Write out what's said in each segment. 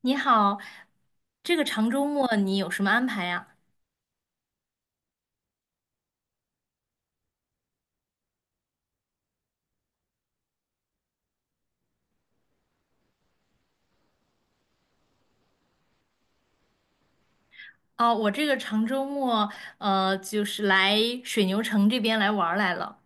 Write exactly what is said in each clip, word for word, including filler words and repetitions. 你好，这个长周末你有什么安排呀？哦，我这个长周末，呃，就是来水牛城这边来玩儿来了。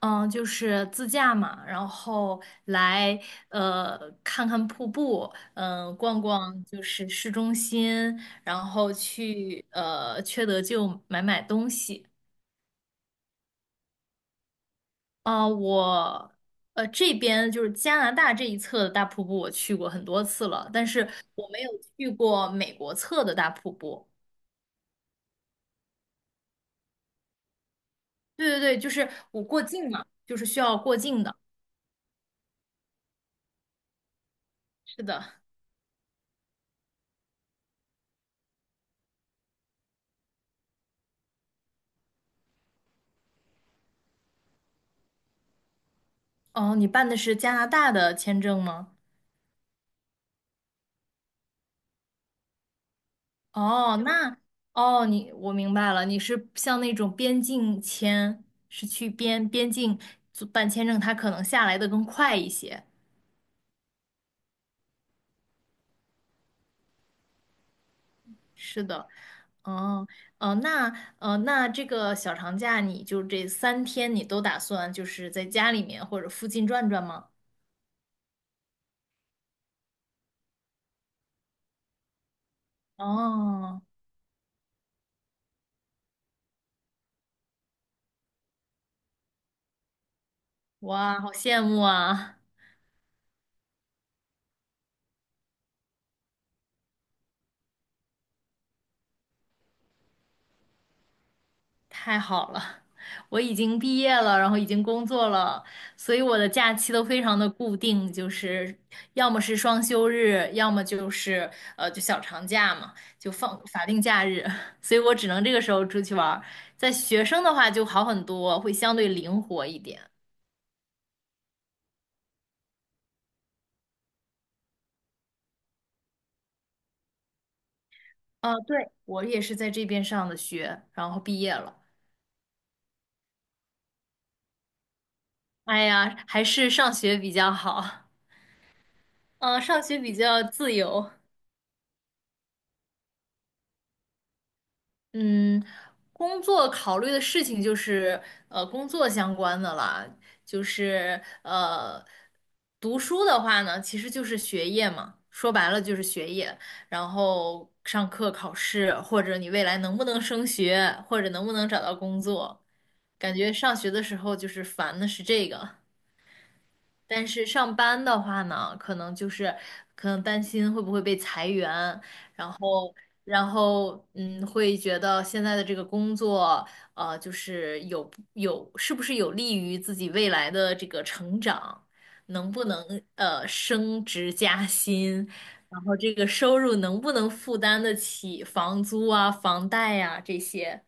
嗯，就是自驾嘛，然后来呃看看瀑布，嗯、逛逛就是市中心，然后去呃缺德就买买东西。啊、我呃这边就是加拿大这一侧的大瀑布，我去过很多次了，但是我没有去过美国侧的大瀑布。对对对，就是我过境嘛，就是需要过境的。是的，哦，你办的是加拿大的签证吗？哦，那哦，你我明白了，你是像那种边境签，是去边边境做办签证，它可能下来的更快一些。是的，哦，呃，那呃，那这个小长假，你就这三天，你都打算就是在家里面或者附近转转吗？哦，哇，好羡慕啊！太好了，我已经毕业了，然后已经工作了，所以我的假期都非常的固定，就是要么是双休日，要么就是呃就小长假嘛，就放法定假日，所以我只能这个时候出去玩儿。在学生的话就好很多，会相对灵活一点。啊，对，我也是在这边上的学，然后毕业了。哎呀，还是上学比较好，嗯，上学比较自由。嗯，工作考虑的事情就是呃工作相关的啦，就是呃读书的话呢，其实就是学业嘛，说白了就是学业，然后上课、考试，或者你未来能不能升学，或者能不能找到工作，感觉上学的时候就是烦的是这个，但是上班的话呢，可能就是可能担心会不会被裁员，然后，嗯，会觉得现在的这个工作，呃，就是有有是不是有利于自己未来的这个成长，能不能呃升职加薪，然后这个收入能不能负担得起房租啊、房贷呀、这些，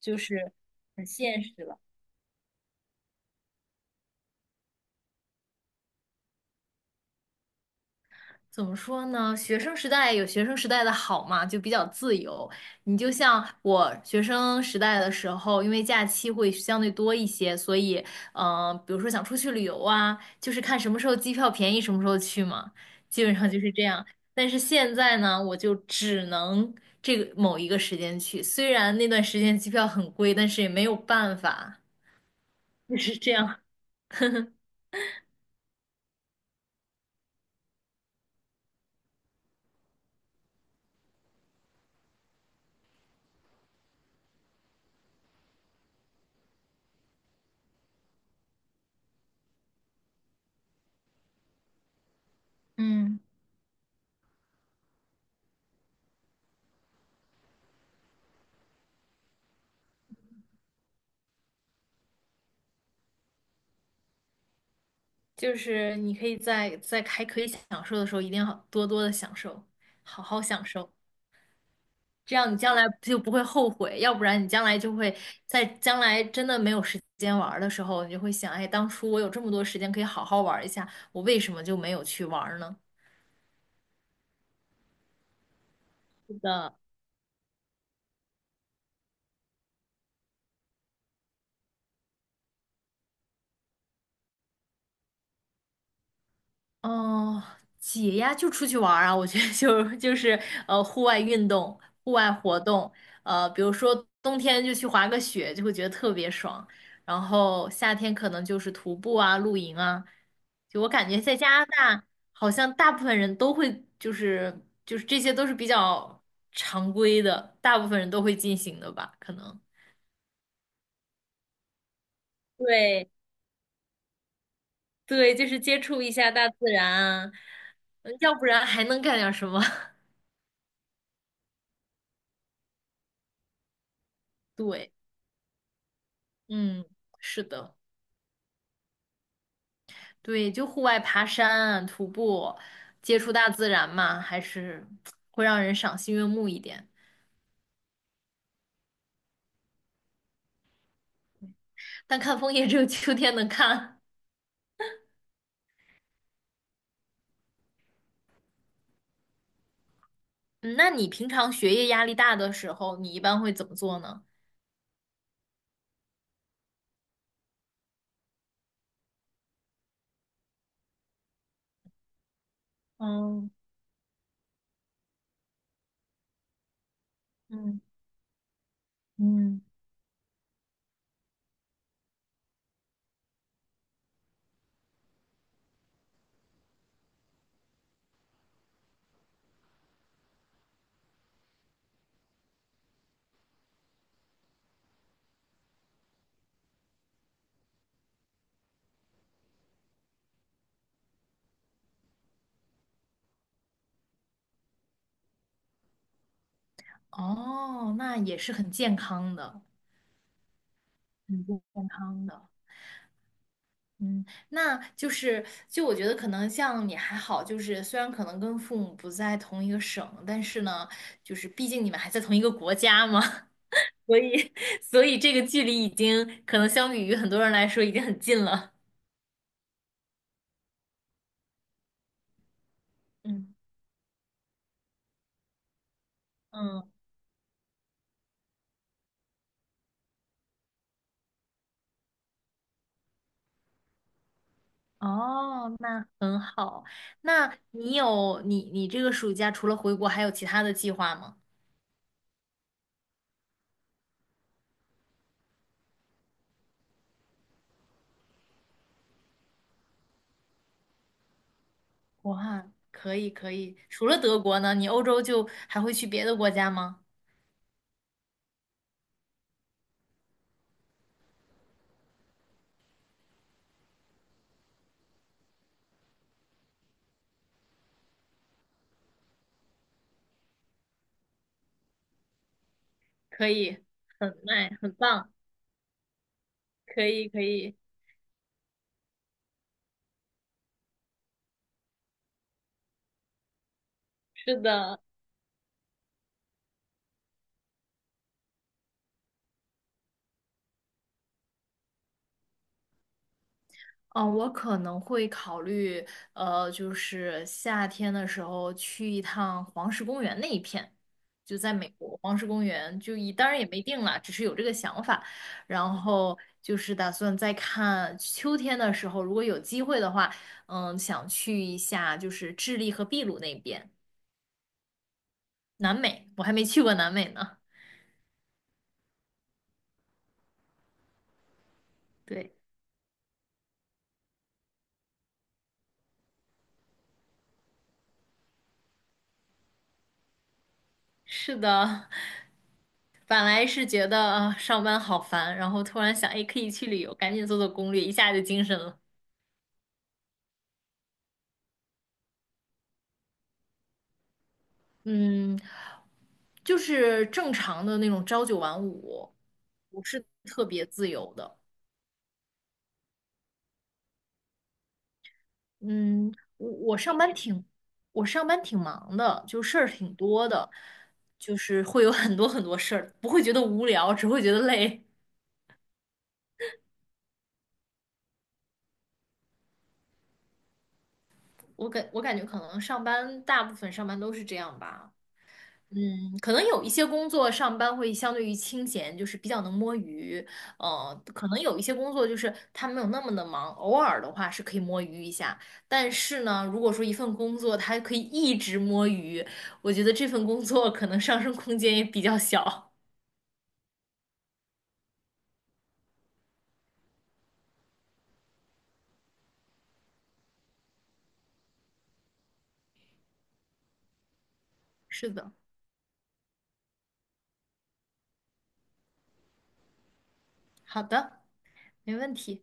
就是很现实了。怎么说呢？学生时代有学生时代的好嘛，就比较自由。你就像我学生时代的时候，因为假期会相对多一些，所以，嗯、比如说想出去旅游啊，就是看什么时候机票便宜，什么时候去嘛，基本上就是这样。但是现在呢，我就只能这个某一个时间去，虽然那段时间机票很贵，但是也没有办法，就是这样。嗯。就是你可以在在还可以享受的时候，一定要多多的享受，好好享受，这样你将来就不会后悔。要不然你将来就会在将来真的没有时间玩儿的时候，你就会想，哎，当初我有这么多时间可以好好玩儿一下，我为什么就没有去玩儿呢？是的。哦，解压就出去玩儿啊，我觉得就就是呃户外运动、户外活动，呃，比如说冬天就去滑个雪，就会觉得特别爽。然后夏天可能就是徒步啊、露营啊。就我感觉在加拿大，好像大部分人都会就是就是这些都是比较常规的，大部分人都会进行的吧，可能。对对，就是接触一下大自然啊，嗯要不然还能干点什么？对。嗯，是的，对，就户外爬山、徒步，接触大自然嘛，还是会让人赏心悦目一点。但看枫叶只有秋天能看。嗯，那你平常学业压力大的时候，你一般会怎么做呢？嗯嗯嗯，哦，那也是很健康的，很健康的。嗯，那就是，就我觉得可能像你还好，就是虽然可能跟父母不在同一个省，但是呢，就是毕竟你们还在同一个国家嘛，所以所以这个距离已经可能相比于很多人来说已经很近了。嗯，嗯，哦，那很好。那你有你你这个暑假除了回国，还有其他的计划吗？哇，可以可以。除了德国呢，你欧洲就还会去别的国家吗？可以，很 nice，很棒。可以可以，是的，嗯，我可能会考虑，呃，就是夏天的时候去一趟黄石公园那一片，就在美国黄石公园，就一当然也没定了，只是有这个想法。然后就是打算再看秋天的时候，如果有机会的话，嗯，想去一下就是智利和秘鲁那边，南美，我还没去过南美呢。对。是的，本来是觉得啊上班好烦，然后突然想，哎，可以去旅游，赶紧做做攻略，一下就精神了。嗯，就是正常的那种朝九晚五，不是特别自由的。嗯，我我上班挺，我上班挺忙的，就事儿挺多的，就是会有很多很多事儿，不会觉得无聊，只会觉得累。我感我感觉可能上班大部分上班都是这样吧。嗯，可能有一些工作上班会相对于清闲，就是比较能摸鱼。呃，可能有一些工作就是他没有那么的忙，偶尔的话是可以摸鱼一下。但是呢，如果说一份工作它可以一直摸鱼，我觉得这份工作可能上升空间也比较小。是的，好的，没问题。